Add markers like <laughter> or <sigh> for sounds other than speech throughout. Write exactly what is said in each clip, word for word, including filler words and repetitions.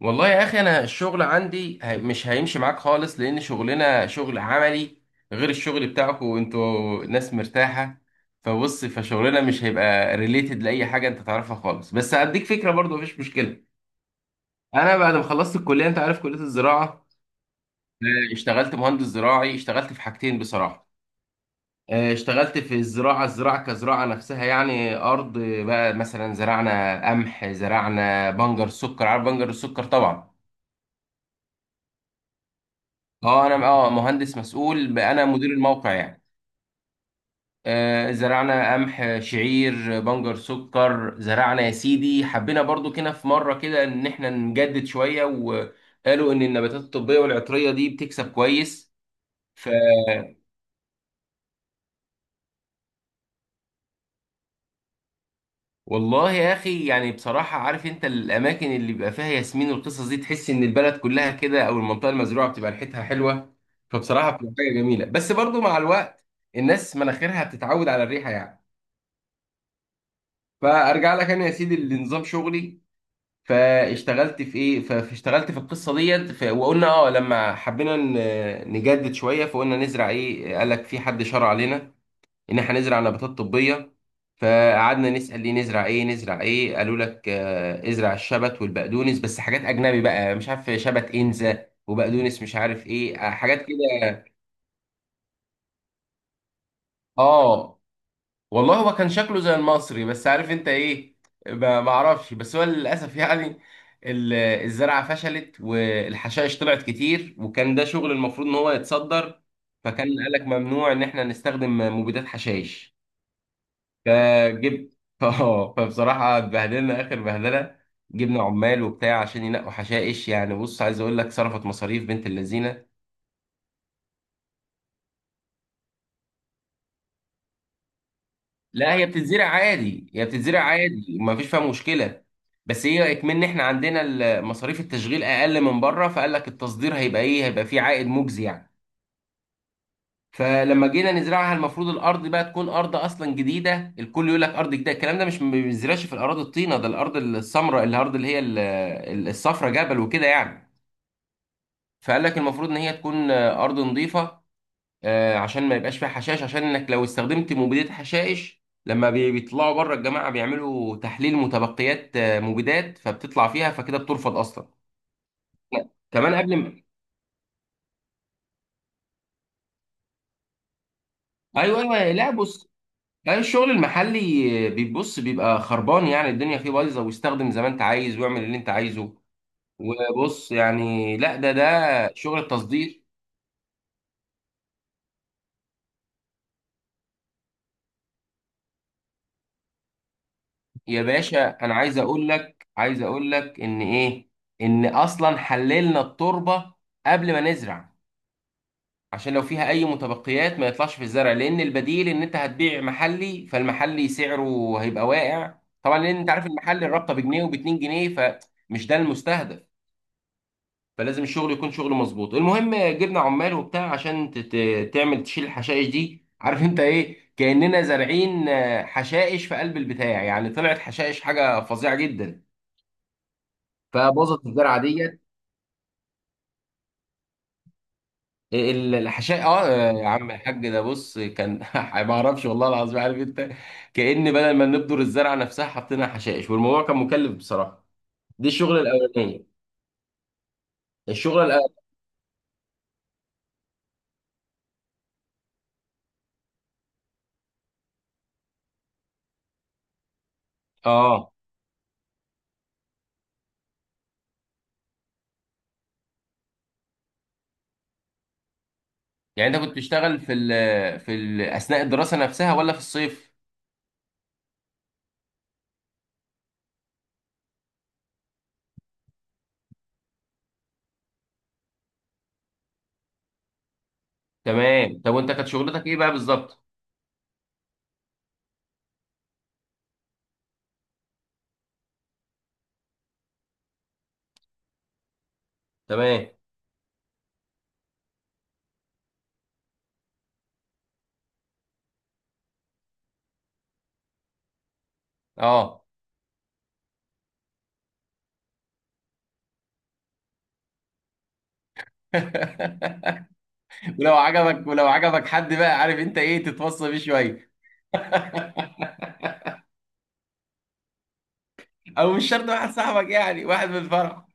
والله يا اخي انا الشغل عندي هي- مش هيمشي معاك خالص لان شغلنا شغل عملي، غير الشغل بتاعكم وانتوا ناس مرتاحه. فبص، فشغلنا مش هيبقى ريليتد لاي حاجه انت تعرفها خالص، بس هديك فكره برضو مفيش مشكله. انا بعد ما خلصت الكليه، انت عارف كليه الزراعه، آه، اشتغلت مهندس زراعي. اشتغلت في حاجتين بصراحه. آه، اشتغلت في الزراعه، الزراعه كزراعه نفسها، يعني ارض بقى. مثلا زرعنا قمح، زرعنا بنجر سكر، عارف بنجر السكر طبعا. اه انا اه مهندس مسؤول بقى، انا مدير الموقع يعني. آه زرعنا قمح، شعير، بنجر سكر. زرعنا يا سيدي، حبينا برضو كده في مره كده ان احنا نجدد شويه، وقالوا ان النباتات الطبيه والعطريه دي بتكسب كويس. ف والله يا اخي يعني بصراحه، عارف انت الاماكن اللي بيبقى فيها ياسمين والقصص دي، تحس ان البلد كلها كده، او المنطقه المزروعه بتبقى ريحتها حلوه. فبصراحه بتبقى حاجه جميله، بس برضو مع الوقت الناس مناخيرها بتتعود على الريحه يعني. فارجع لك انا يا سيدي لنظام شغلي. فاشتغلت في ايه، ف- فاشتغلت في القصه ديت. ف- وقلنا اه لما حبينا ن- نجدد شويه، فقلنا نزرع ايه؟ قال لك في حد شرع علينا ان احنا نزرع نباتات طبيه. فقعدنا نسال، ليه نزرع ايه؟ نزرع ايه؟ قالوا لك آه، ازرع الشبت والبقدونس. بس حاجات اجنبي بقى، مش عارف شبت انزا وبقدونس مش عارف ايه، آه، حاجات كده. اه والله هو كان شكله زي المصري، بس عارف انت ايه، ما ما اعرفش. بس هو للاسف يعني ال- الزرعه فشلت، والحشائش طلعت كتير، وكان ده شغل المفروض ان هو يتصدر. فكان قالك ممنوع ان احنا نستخدم مبيدات حشائش. فجبت <laughs> اه فبصراحه اتبهدلنا اخر بهدله. جبنا عمال وبتاع عشان ينقوا حشائش يعني. بص عايز اقول لك، صرفت مصاريف بنت اللذينه. لا هي بتتزرع عادي، هي بتتزرع عادي، ما فيش فيها مشكله. بس هي اكمن احنا عندنا ال- مصاريف التشغيل اقل من بره، فقال لك التصدير هيبقى ايه، هيبقى فيه عائد مجزي يعني. فلما جينا نزرعها، المفروض الارض بقى تكون ارض اصلا جديده. الكل يقول لك ارض جديده، الكلام ده مش ما بينزرعش في الاراضي الطينه، ده الارض السمراء، الارض اللي هي الصفراء، جبل وكده يعني. فقال لك المفروض ان هي تكون ارض نظيفه، آه، عشان ما يبقاش فيها حشائش. عشان انك لو استخدمت مبيدات حشائش، لما بي- بيطلعوا بره، الجماعه بيعملوا تحليل متبقيات آه، مبيدات، فبتطلع فيها، فكده بترفض اصلا. كمان قبل ما <laughs> ايوه ايوه. لا بص، لا، الشغل المحلي آه، بيبص بيبقى خربان يعني. الدنيا فيه بايظه، ويستخدم زي ما انت عايز ويعمل اللي انت عايزه. وبص يعني، لا ده ده شغل التصدير. يا باشا انا عايز اقول لك، عايز اقول لك ان ايه، ان اصلا حللنا التربه قبل ما نزرع، عشان لو فيها اي متبقيات ما يطلعش في الزرع، لان البديل ان انت هتبيع محلي، فالمحلي سعره هيبقى واقع طبعا. لان انت عارف المحل الرابطه بجنيه وباتنين جنيه، فمش ده المستهدف. فلازم الشغل يكون شغل مظبوط. المهم جبنا عمال وبتاع عشان تت- تعمل تشيل الحشائش دي. <laughs> عارف انت ايه، كاننا زارعين آه، حشائش في قلب البتاع يعني. طلعت حشائش حاجه فظيعه جدا، فبوظت الزرعه دي. ال- الحشاء اه. يا عم الحاج، ده بص كان <laughs> ما اعرفش والله العظيم. عارف انت، كأن بدل ما نبذر الزرعه نفسها حطينا حشائش، والموضوع كان مكلف بصراحه. دي الشغله الاولانيه. الشغله الاولانيه. اه يعني انت كنت بتشتغل في ال في ال اثناء الدراسه نفسها ولا في الصيف؟ تمام. طب وانت كانت شغلتك ايه بقى بالظبط؟ تمام اه. <laughs> ولو عجبك، ولو عجبك حد بقى، عارف انت ايه، تتوصى بيه شويه. او مش شرط واحد صاحبك يعني، واحد من الفرع.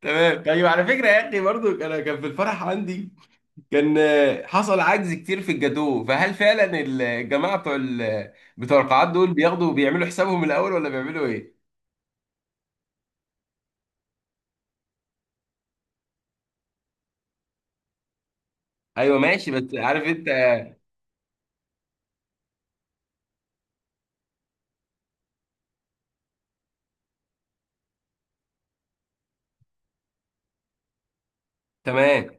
تمام. طيب على فكرة يا أخي برضو، أنا كان في الفرح عندي، كان آه، حصل عجز كتير في الجاتوه. فهل فعلا الجماعة بتوع ال- بتوع القاعات دول بياخدوا، بيعملوا حسابهم الأول، ولا بيعملوا إيه؟ أيوه ماشي. بس عارف أنت، تمام.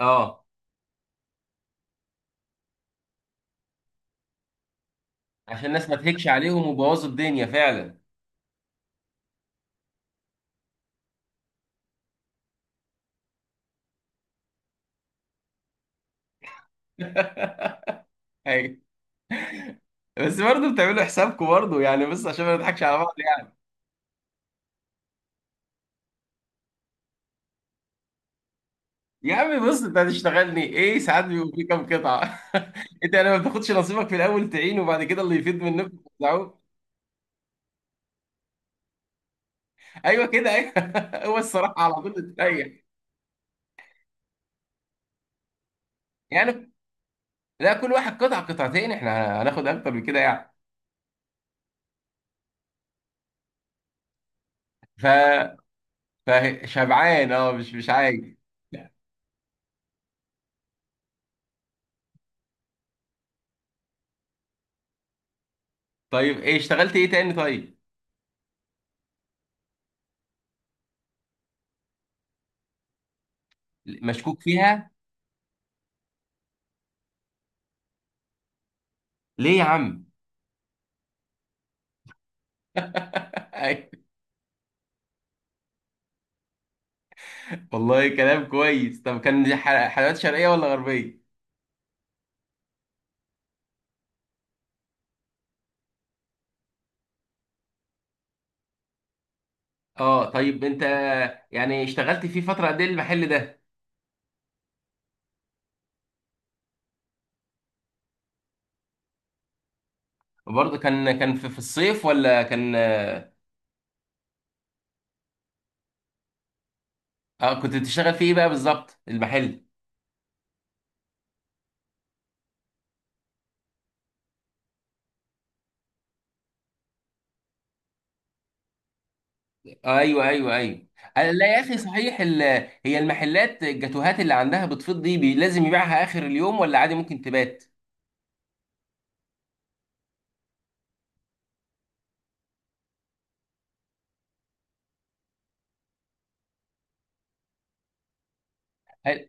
أه عشان الناس ما تهكش عليهم وبوظوا الدنيا فعلا. <laughs> أيوه. بس برضه بتعملوا حسابكم برضه يعني، بس عشان ما نضحكش على بعض يعني. يا عم بص، أنت هتشتغلني إيه ساعات بيبقوا في كام قطعة؟ <laughs> أنت يعني ما بتاخدش نصيبك في الأول تعين، وبعد كده اللي يفيد منكم توزعوه. ايوه كده، ايوه. <laughs> هو الصراحه على طول بتريح يعني. لا كل واحد قطع قطعتين، احنا هناخد اكتر من كده يعني. ف فشبعان اه، مش مش عايز. طيب ايه، اشتغلت ايه تاني طيب؟ مشكوك فيها؟ ليه يا عم؟ <laughs> أيوة. والله كلام كويس. طب كان دي ح- حلويات شرقيه ولا غربيه؟ اه طيب انت يعني اشتغلت فيه فتره قد ايه المحل ده؟ وبرضه كان كان في، في الصيف ولا كان؟ اه كنت بتشتغل فيه ايه بقى بالظبط المحل؟ ايوه ايوه ايوه. أنا- لا يا اخي صحيح، ال... هي المحلات الجاتوهات اللي عندها بتفيض دي بي... لازم يبيعها اخر اليوم، ولا عادي ممكن تبات؟ هل-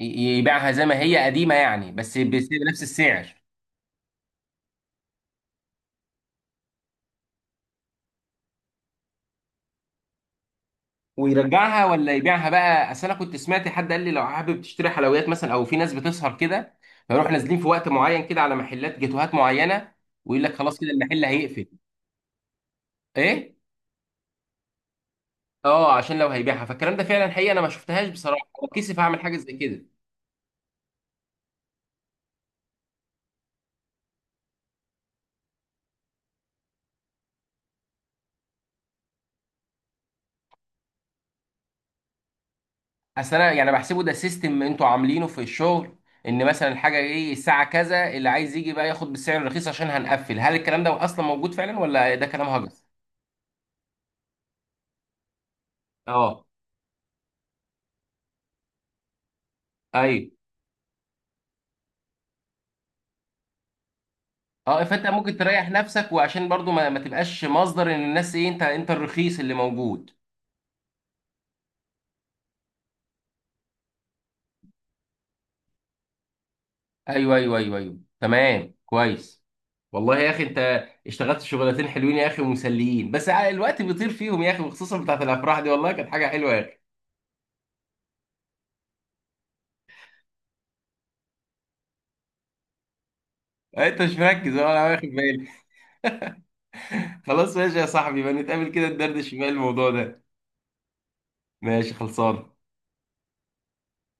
ي- يبيعها زي ما هي قديمه يعني، بس بس- بنفس السعر؟ ويرجعها ولا يبيعها بقى؟ اصل انا كنت سمعت حد قال لي لو حابب تشتري حلويات مثلا، او في ناس بتسهر كده فيروح نازلين في وقت معين كده على محلات جاتوهات معينه، ويقول لك خلاص كده المحل هيقفل. ايه، اه عشان لو هيبيعها؟ فالكلام ده فعلا حقيقه، انا ما شفتهاش بصراحه. كيسف هعمل حاجه زي كده. اصل انا يعني بحسبه ده سيستم انتوا عاملينه في الشغل، ان مثلا الحاجه ايه الساعه كذا اللي عايز يجي بقى ياخد بالسعر الرخيص عشان هنقفل. هل الكلام ده اصلا موجود فعلا، ولا ده كلام هجس؟ اه ايوه. اه فانت ممكن تريح نفسك، وعشان برضو ما, ما تبقاش مصدر ان الناس ايه، انت انت الرخيص اللي موجود. ايوه ايوه ايوه ايوه تمام كويس. والله يا اخي انت اشتغلت شغلتين حلوين يا اخي ومسليين، بس ع- الوقت بيطير فيهم يا اخي، وخصوصا بتاعت الافراح دي والله كانت حاجه حلوه يا اخي. انت مش مركز ولا واخد بالي. خلاص ماشي يا صاحبي، بقى نتقابل كده ندردش بقى الموضوع ده. ماشي خلصان.